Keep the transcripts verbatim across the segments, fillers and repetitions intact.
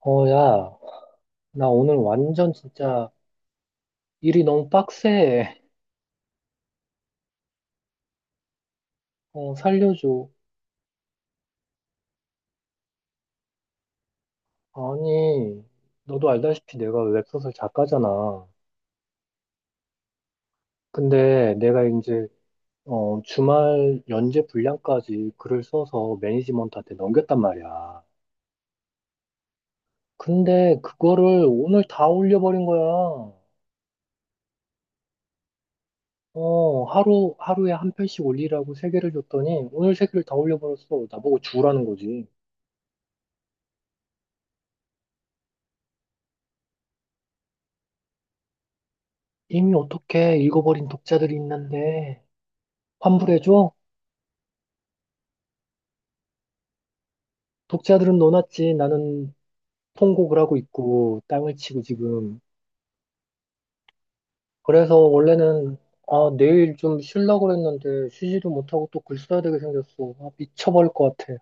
어, 야, 나 오늘 완전 진짜 일이 너무 빡세. 어, 살려줘. 아니, 너도 알다시피 내가 웹소설 작가잖아. 근데 내가 이제, 어, 주말 연재 분량까지 글을 써서 매니지먼트한테 넘겼단 말이야. 근데 그거를 오늘 다 올려버린 거야. 어, 하루, 하루에 한 편씩 올리라고 세 개를 줬더니 오늘 세 개를 다 올려버렸어. 나보고 주라는 거지. 이미 어떻게 읽어버린 독자들이 있는데. 환불해줘? 독자들은 노났지. 나는 통곡을 하고 있고, 땅을 치고 지금. 그래서 원래는, 아, 내일 좀 쉬려고 그랬는데, 쉬지도 못하고 또 글 써야 되게 생겼어. 아, 미쳐버릴 것 같아.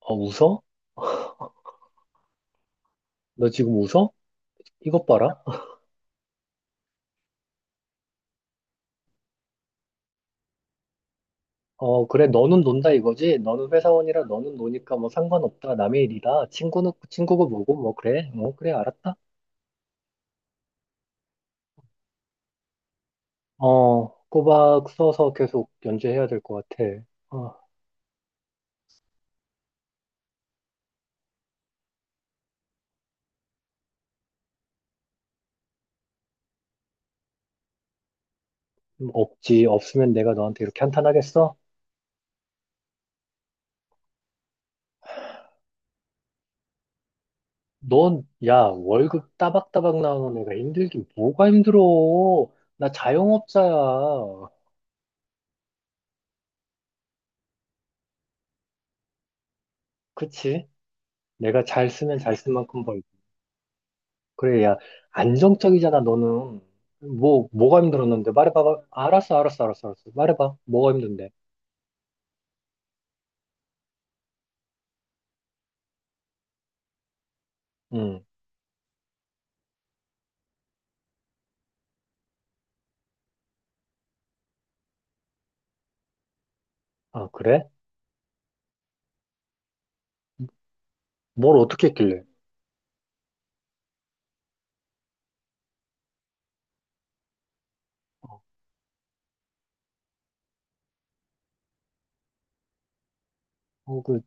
어, 웃어? 너 지금 웃어? 이것 봐라. 어, 그래, 너는 논다 이거지? 너는 회사원이라 너는 노니까 뭐 상관없다. 남의 일이다. 친구는, 친구고 뭐고, 뭐, 그래. 뭐, 그래, 알았다. 어, 꼬박 써서 계속 연재해야 될 것 같아. 어, 음, 없지. 없으면 내가 너한테 이렇게 한탄하겠어? 넌, 야, 월급 따박따박 나오는 애가 힘들긴 뭐가 힘들어? 나 자영업자야. 그치? 내가 잘 쓰면 잘 쓸 만큼 벌고. 그래, 야, 안정적이잖아, 너는. 뭐, 뭐가 힘들었는데? 말해봐봐. 알았어, 알았어, 알았어, 알았어. 말해봐. 뭐가 힘든데? 응. 아, 그래? 뭘 어떻게 했길래? 어, 그,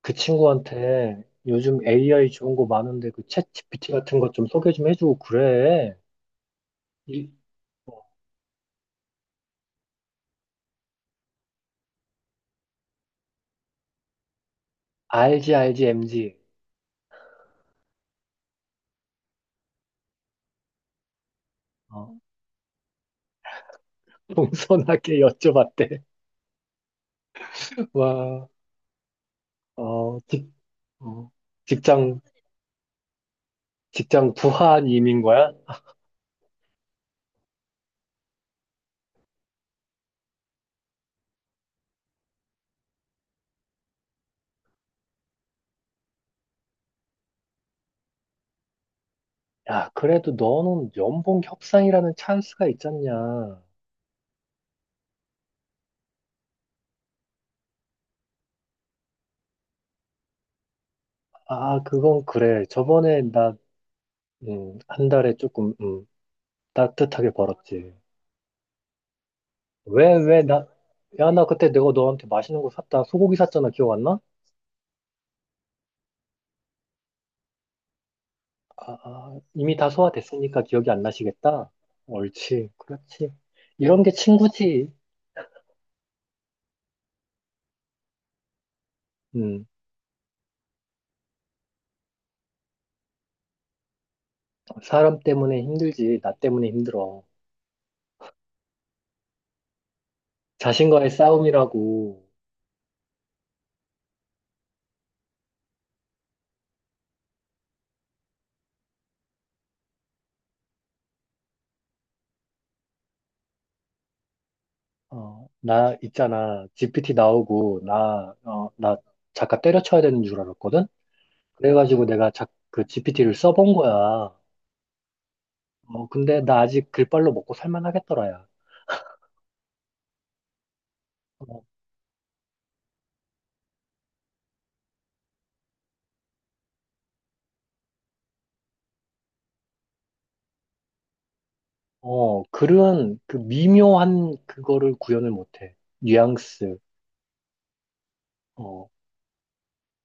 그 친구한테 요즘 에이아이 좋은 거 많은데 그 챗 지피티 같은 거 좀 소개 좀 해주고 그래. 이- 어, 알지, 알지, 엠지. 동선하게 여쭤봤대. 와, 어, 직, 어, 직장, 직장 부하님인 거야? 야, 그래도 너는 연봉 협상이라는 찬스가 있잖냐. 아, 그건 그래. 저번에 나, 음, 한 달에 조금, 음, 따뜻하게 벌었지. 왜, 왜, 나, 야, 나 그때 내가 너한테 맛있는 거 샀다. 소고기 샀잖아. 기억 안 나? 아, 아, 이미 다 소화됐으니까 기억이 안 나시겠다. 옳지. 그렇지. 이런 게 친구지. 음. 사람 때문에 힘들지, 나 때문에 힘들어. 자신과의 싸움이라고, 어, 나 있잖아. 지피티 나오고, 나, 어, 나 작가 때려쳐야 되는 줄 알았거든? 그래가지고 내가 작, 그 지피티를 써본 거야. 어, 근데 나 아직 글빨로 먹고 살만 하겠더라야. 어, 어, 글은 그 미묘한 그거를 구현을 못해. 뉘앙스. 어,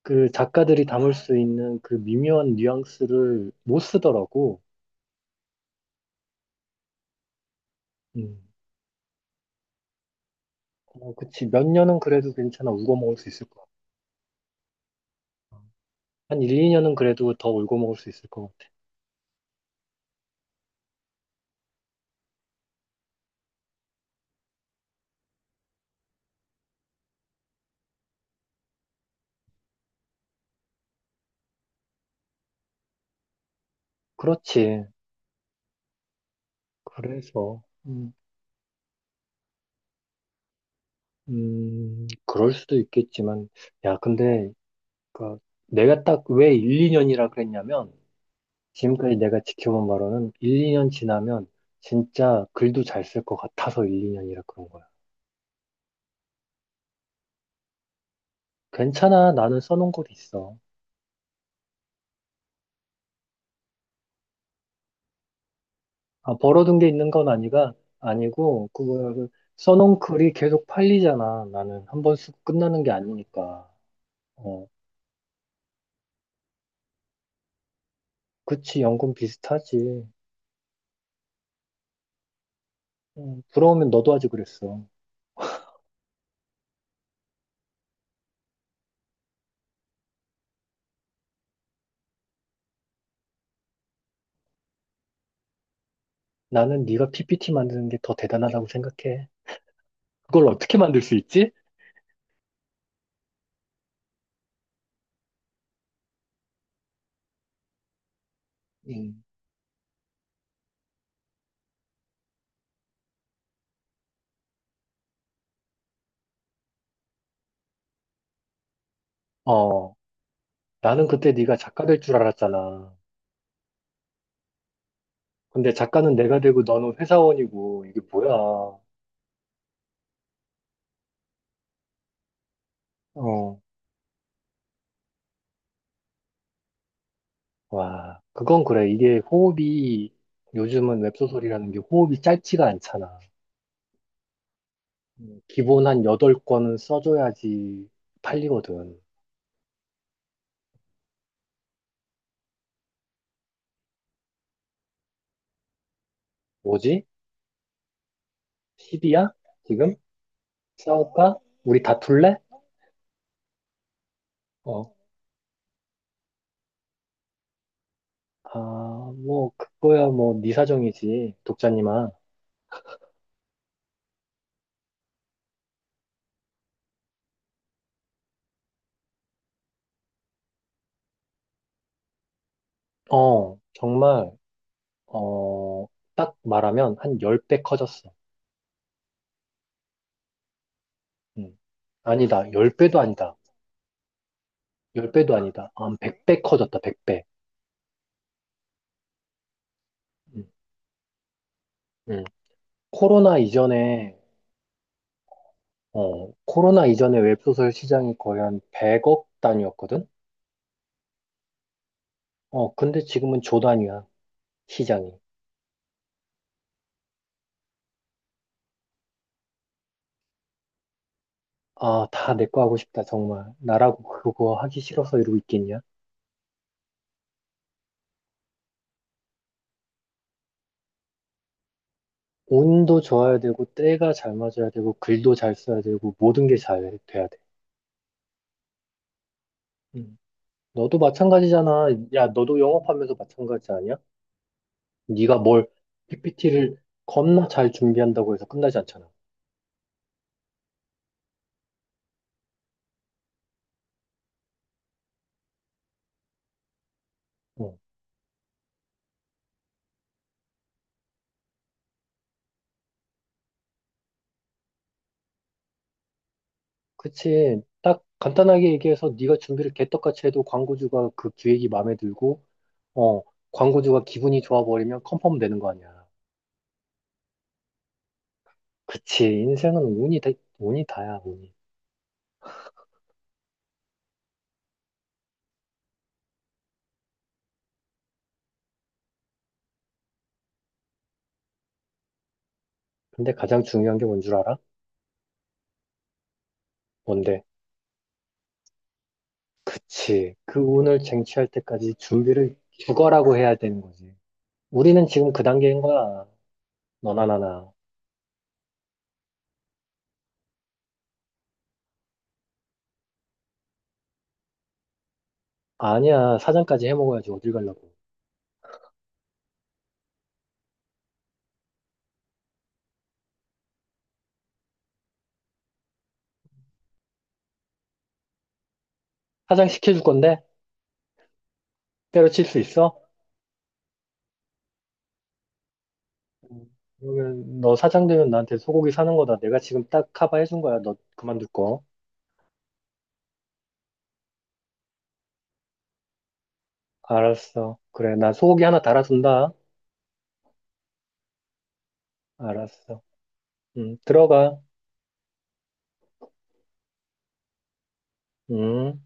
그 작가들이 담을 수 있는 그 미묘한 뉘앙스를 못 쓰더라고. 음. 어, 그치. 몇 년은 그래도 괜찮아. 울고 먹을 수 있을 것 같아. 한 일, 이 년은 그래도 더 울고 먹을 수 있을 것 같아. 그렇지. 그래서, 음, 음, 그럴 수도 있겠지만, 야, 근데, 그, 내가 딱 왜 일, 이 년이라 그랬냐면, 지금까지 내가 지켜본 바로는 일, 이 년 지나면 진짜 글도 잘 쓸 것 같아서 일, 이 년이라 그런 거야. 괜찮아. 나는 써놓은 곳 있어. 아, 벌어둔 게 있는 건 아니가, 아니고, 그거, 써놓은 글이 계속 팔리잖아. 나는 한 번 쓰고 끝나는 게 아니니까. 어, 그치, 연금 비슷하지. 음, 부러우면 너도 하지 그랬어. 나는 네가 피피티 만드는 게 더 대단하다고 생각해. 그걸 어떻게 만들 수 있지? 음. 어, 나는 그때 네가 작가 될 줄 알았잖아. 근데 작가는 내가 되고 너는 회사원이고, 이게 뭐야. 어, 와, 그건 그래. 이게 호흡이, 요즘은 웹소설이라는 게 호흡이 짧지가 않잖아. 음, 기본 한 팔 권은 써줘야지 팔리거든. 뭐지? 시비야? 지금? 싸울까? 우리 다툴래? 어, 아, 뭐, 그거야, 뭐, 네 사정이지, 독자님아. 어, 정말, 어, 딱 말하면 한 십 배 커졌어. 음. 아니다, 십 배도 아니다. 십 배도 아니다. 아, 한 백 배 커졌다, 백 배. 음. 음. 코로나 이전에 어, 코로나 이전에 웹소설 시장이 거의 한 백억 단위였거든? 어, 근데 지금은 조 단위야, 시장이. 아, 다 내 거 하고 싶다, 정말. 나라고 그거 하기 싫어서 이러고 있겠냐? 운도 좋아야 되고, 때가 잘 맞아야 되고, 글도 잘 써야 되고, 모든 게 잘 돼야 돼. 음. 너도 마찬가지잖아. 야, 너도 영업하면서 마찬가지 아니야? 네가 뭘 피피티를 겁나 잘 준비한다고 해서 끝나지 않잖아. 어. 그치. 딱 간단하게 얘기해서 네가 준비를 개떡같이 해도 광고주가 그 기획이 마음에 들고, 어, 광고주가 기분이 좋아버리면 컨펌 되는 거 아니야. 그치. 인생은 운이 다, 운이 다야, 운이. 근데 가장 중요한 게 뭔 줄 알아? 뭔데? 그치. 그 운을 쟁취할 때까지 준비를 죽어라고 해야 되는 거지. 우리는 지금 그 단계인 거야. 너나 나나. 아니야. 사장까지 해먹어야지. 어딜 가려고. 사장 시켜줄 건데? 때려칠 수 있어? 그러면 너 사장 되면 나한테 소고기 사는 거다. 내가 지금 딱 커버해 준 거야. 너 그만둘 거. 알았어. 그래. 나 소고기 하나 달아준다. 알았어. 음, 들어가. 음.